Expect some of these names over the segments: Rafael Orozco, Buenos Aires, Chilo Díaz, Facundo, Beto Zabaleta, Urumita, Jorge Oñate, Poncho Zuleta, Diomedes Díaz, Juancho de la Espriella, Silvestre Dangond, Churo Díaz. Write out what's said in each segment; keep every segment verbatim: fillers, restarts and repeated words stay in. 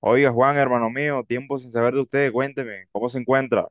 Oiga, Juan, hermano mío, tiempo sin saber de usted, cuénteme, ¿cómo se encuentra?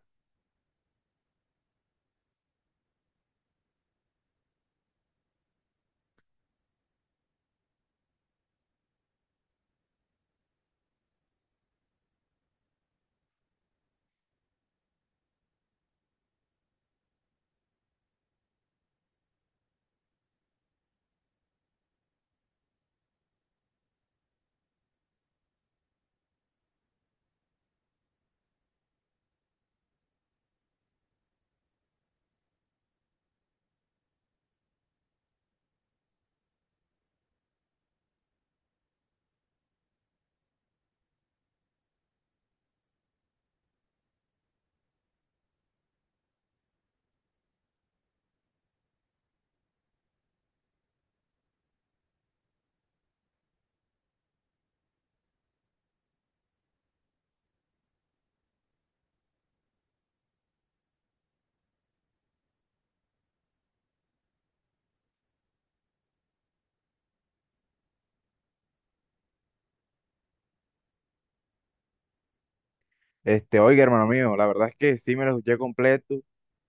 Este, oiga, hermano mío, la verdad es que sí me lo escuché completo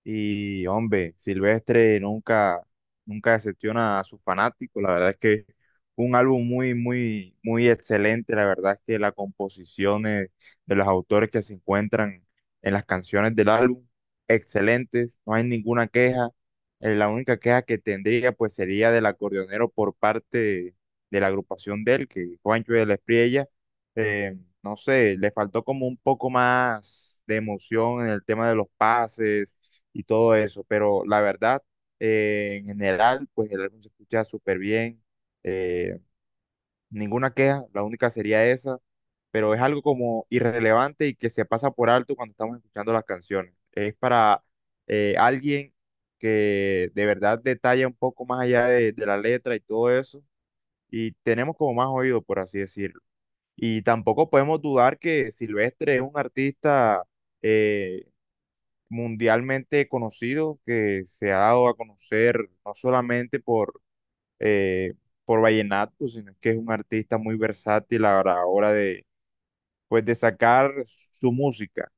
y, hombre, Silvestre nunca, nunca decepciona a sus fanáticos. La verdad es que un álbum muy, muy, muy excelente. La verdad es que las composiciones de los autores que se encuentran en las canciones del álbum, excelentes. No hay ninguna queja. Eh, la única queja que tendría, pues, sería del acordeonero por parte de la agrupación de él, que Juancho de la Espriella eh, no sé, le faltó como un poco más de emoción en el tema de los pases y todo eso, pero la verdad, eh, en general, pues el álbum se escucha súper bien, eh, ninguna queja, la única sería esa, pero es algo como irrelevante y que se pasa por alto cuando estamos escuchando las canciones. Es para eh, alguien que de verdad detalla un poco más allá de de la letra y todo eso, y tenemos como más oído, por así decirlo. Y tampoco podemos dudar que Silvestre es un artista eh, mundialmente conocido que se ha dado a conocer no solamente por, eh, por vallenato, sino que es un artista muy versátil a la hora de, pues, de sacar su música.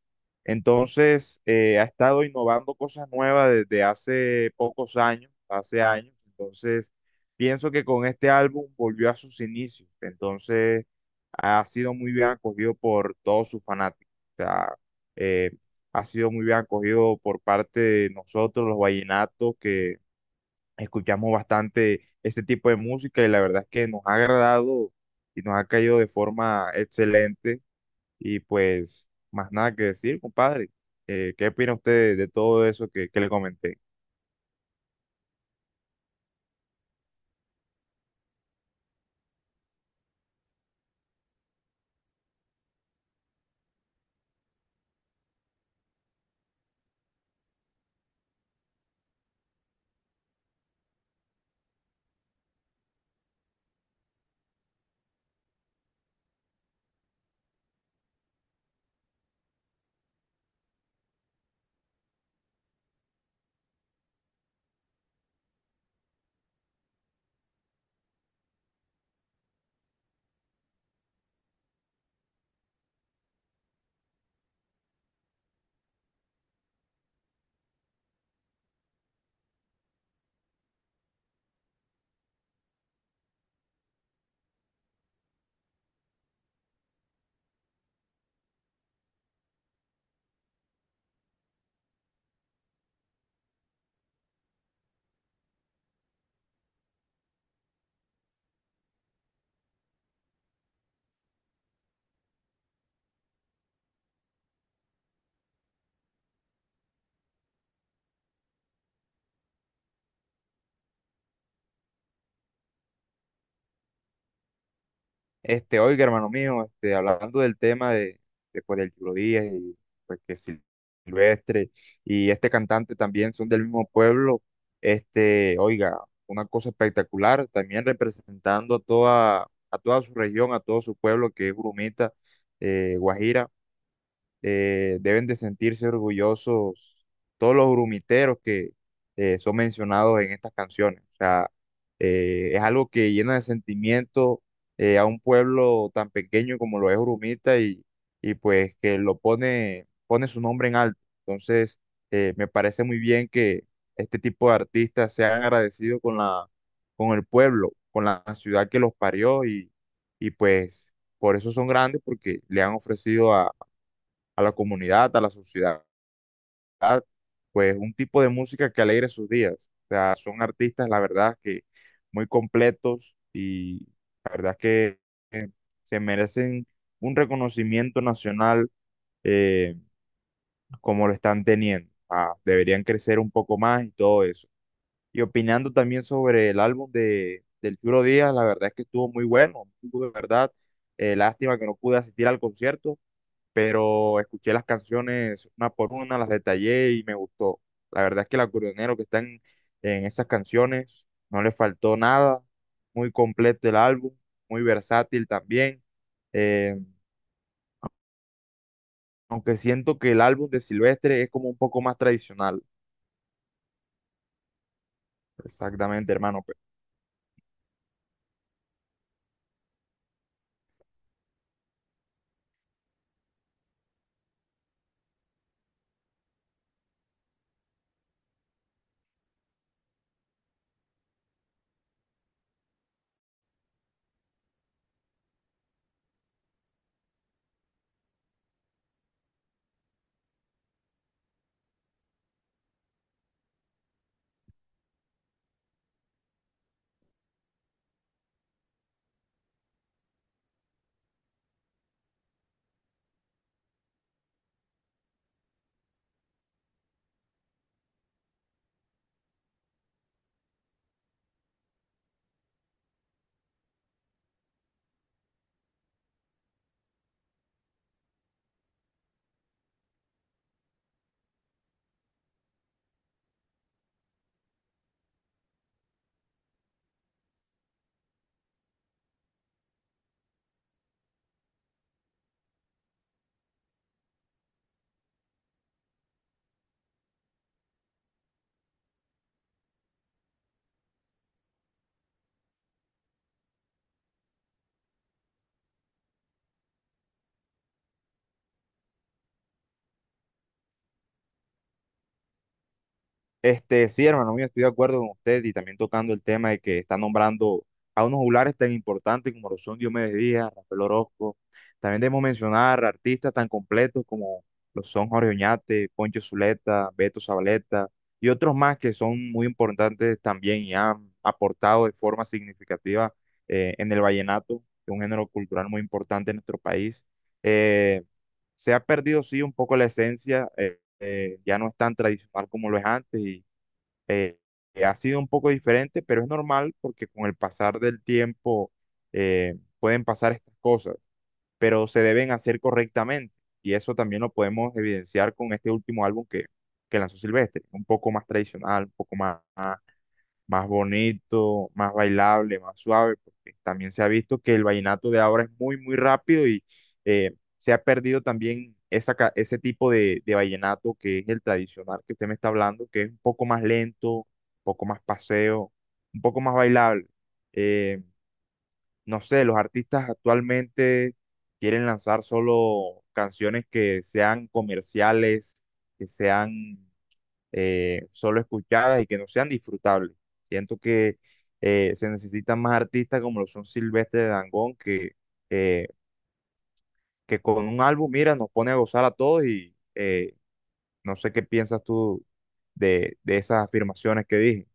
Entonces, eh, ha estado innovando cosas nuevas desde hace pocos años, hace años. Entonces, pienso que con este álbum volvió a sus inicios. Entonces, ha sido muy bien acogido por todos sus fanáticos. O sea, eh, ha sido muy bien acogido por parte de nosotros, los vallenatos, que escuchamos bastante este tipo de música y la verdad es que nos ha agradado y nos ha caído de forma excelente y pues, más nada que decir, compadre. Eh, ¿qué opina usted de todo eso que, que le comenté? Este, oiga, hermano mío, este, hablando del tema de, de, pues, del Chilo Díaz y pues que Sil- Silvestre y este cantante también son del mismo pueblo, este, oiga, una cosa espectacular, también representando a toda, a toda su región, a todo su pueblo que es Urumita, eh, Guajira. Eh, deben de sentirse orgullosos todos los grumiteros que eh, son mencionados en estas canciones. O sea, eh, es algo que llena de sentimiento eh, a un pueblo tan pequeño como lo es Urumita y, y pues que lo pone, pone su nombre en alto. Entonces, eh, me parece muy bien que este tipo de artistas sean agradecidos con la, con el pueblo, con la ciudad que los parió y, y pues por eso son grandes porque le han ofrecido a la comunidad, a la sociedad, pues un tipo de música que alegre sus días. O sea, son artistas, la verdad, que muy completos y la verdad que se merecen un reconocimiento nacional eh, como lo están teniendo. Ah, deberían crecer un poco más y todo eso. Y opinando también sobre el álbum de, del Churo Díaz, la verdad es que estuvo muy bueno, estuvo de verdad. Eh, lástima que no pude asistir al concierto, pero escuché las canciones una por una, las detallé y me gustó. La verdad es que el acordeonero que está en, en esas canciones no le faltó nada, muy completo el álbum, muy versátil también, eh, aunque siento que el álbum de Silvestre es como un poco más tradicional. Exactamente, hermano. Este, sí, hermano mío, estoy de acuerdo con usted y también tocando el tema de que está nombrando a unos juglares tan importantes como lo son Diomedes Díaz, Rafael Orozco. También debemos mencionar artistas tan completos como lo son Jorge Oñate, Poncho Zuleta, Beto Zabaleta y otros más que son muy importantes también y han aportado de forma significativa eh, en el vallenato, que es un género cultural muy importante en nuestro país. Eh, Se ha perdido, sí, un poco la esencia, eh, eh, ya no es tan tradicional como lo es antes y eh, ha sido un poco diferente, pero es normal porque con el pasar del tiempo eh, pueden pasar estas cosas, pero se deben hacer correctamente. Y eso también lo podemos evidenciar con este último álbum que, que lanzó Silvestre, un poco más tradicional, un poco más más bonito, más bailable, más suave, porque también se ha visto que el vallenato de ahora es muy, muy rápido y eh, se ha perdido también esa, ca- ese tipo de, de vallenato que es el tradicional que usted me está hablando, que es un poco más lento, un poco más paseo, un poco más bailable. Eh, no sé, los artistas actualmente quieren lanzar solo canciones que sean comerciales, que sean eh, solo escuchadas y que no sean disfrutables. Siento que eh, se necesitan más artistas como lo son Silvestre Dangond, que, eh, que con un álbum, mira, nos pone a gozar a todos y eh, no sé qué piensas tú de, de esas afirmaciones que dije.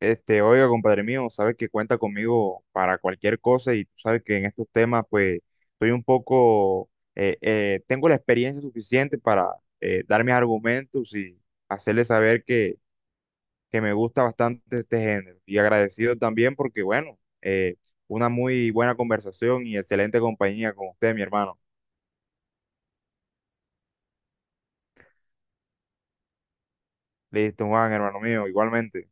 Este, oiga, compadre mío, sabes que cuenta conmigo para cualquier cosa y tú sabes que en estos temas, pues, estoy un poco, eh, eh, tengo la experiencia suficiente para eh, dar mis argumentos y hacerle saber que que me gusta bastante este género. Y agradecido también porque, bueno, eh, una muy buena conversación y excelente compañía con usted, mi hermano. Listo, Juan, hermano mío, igualmente.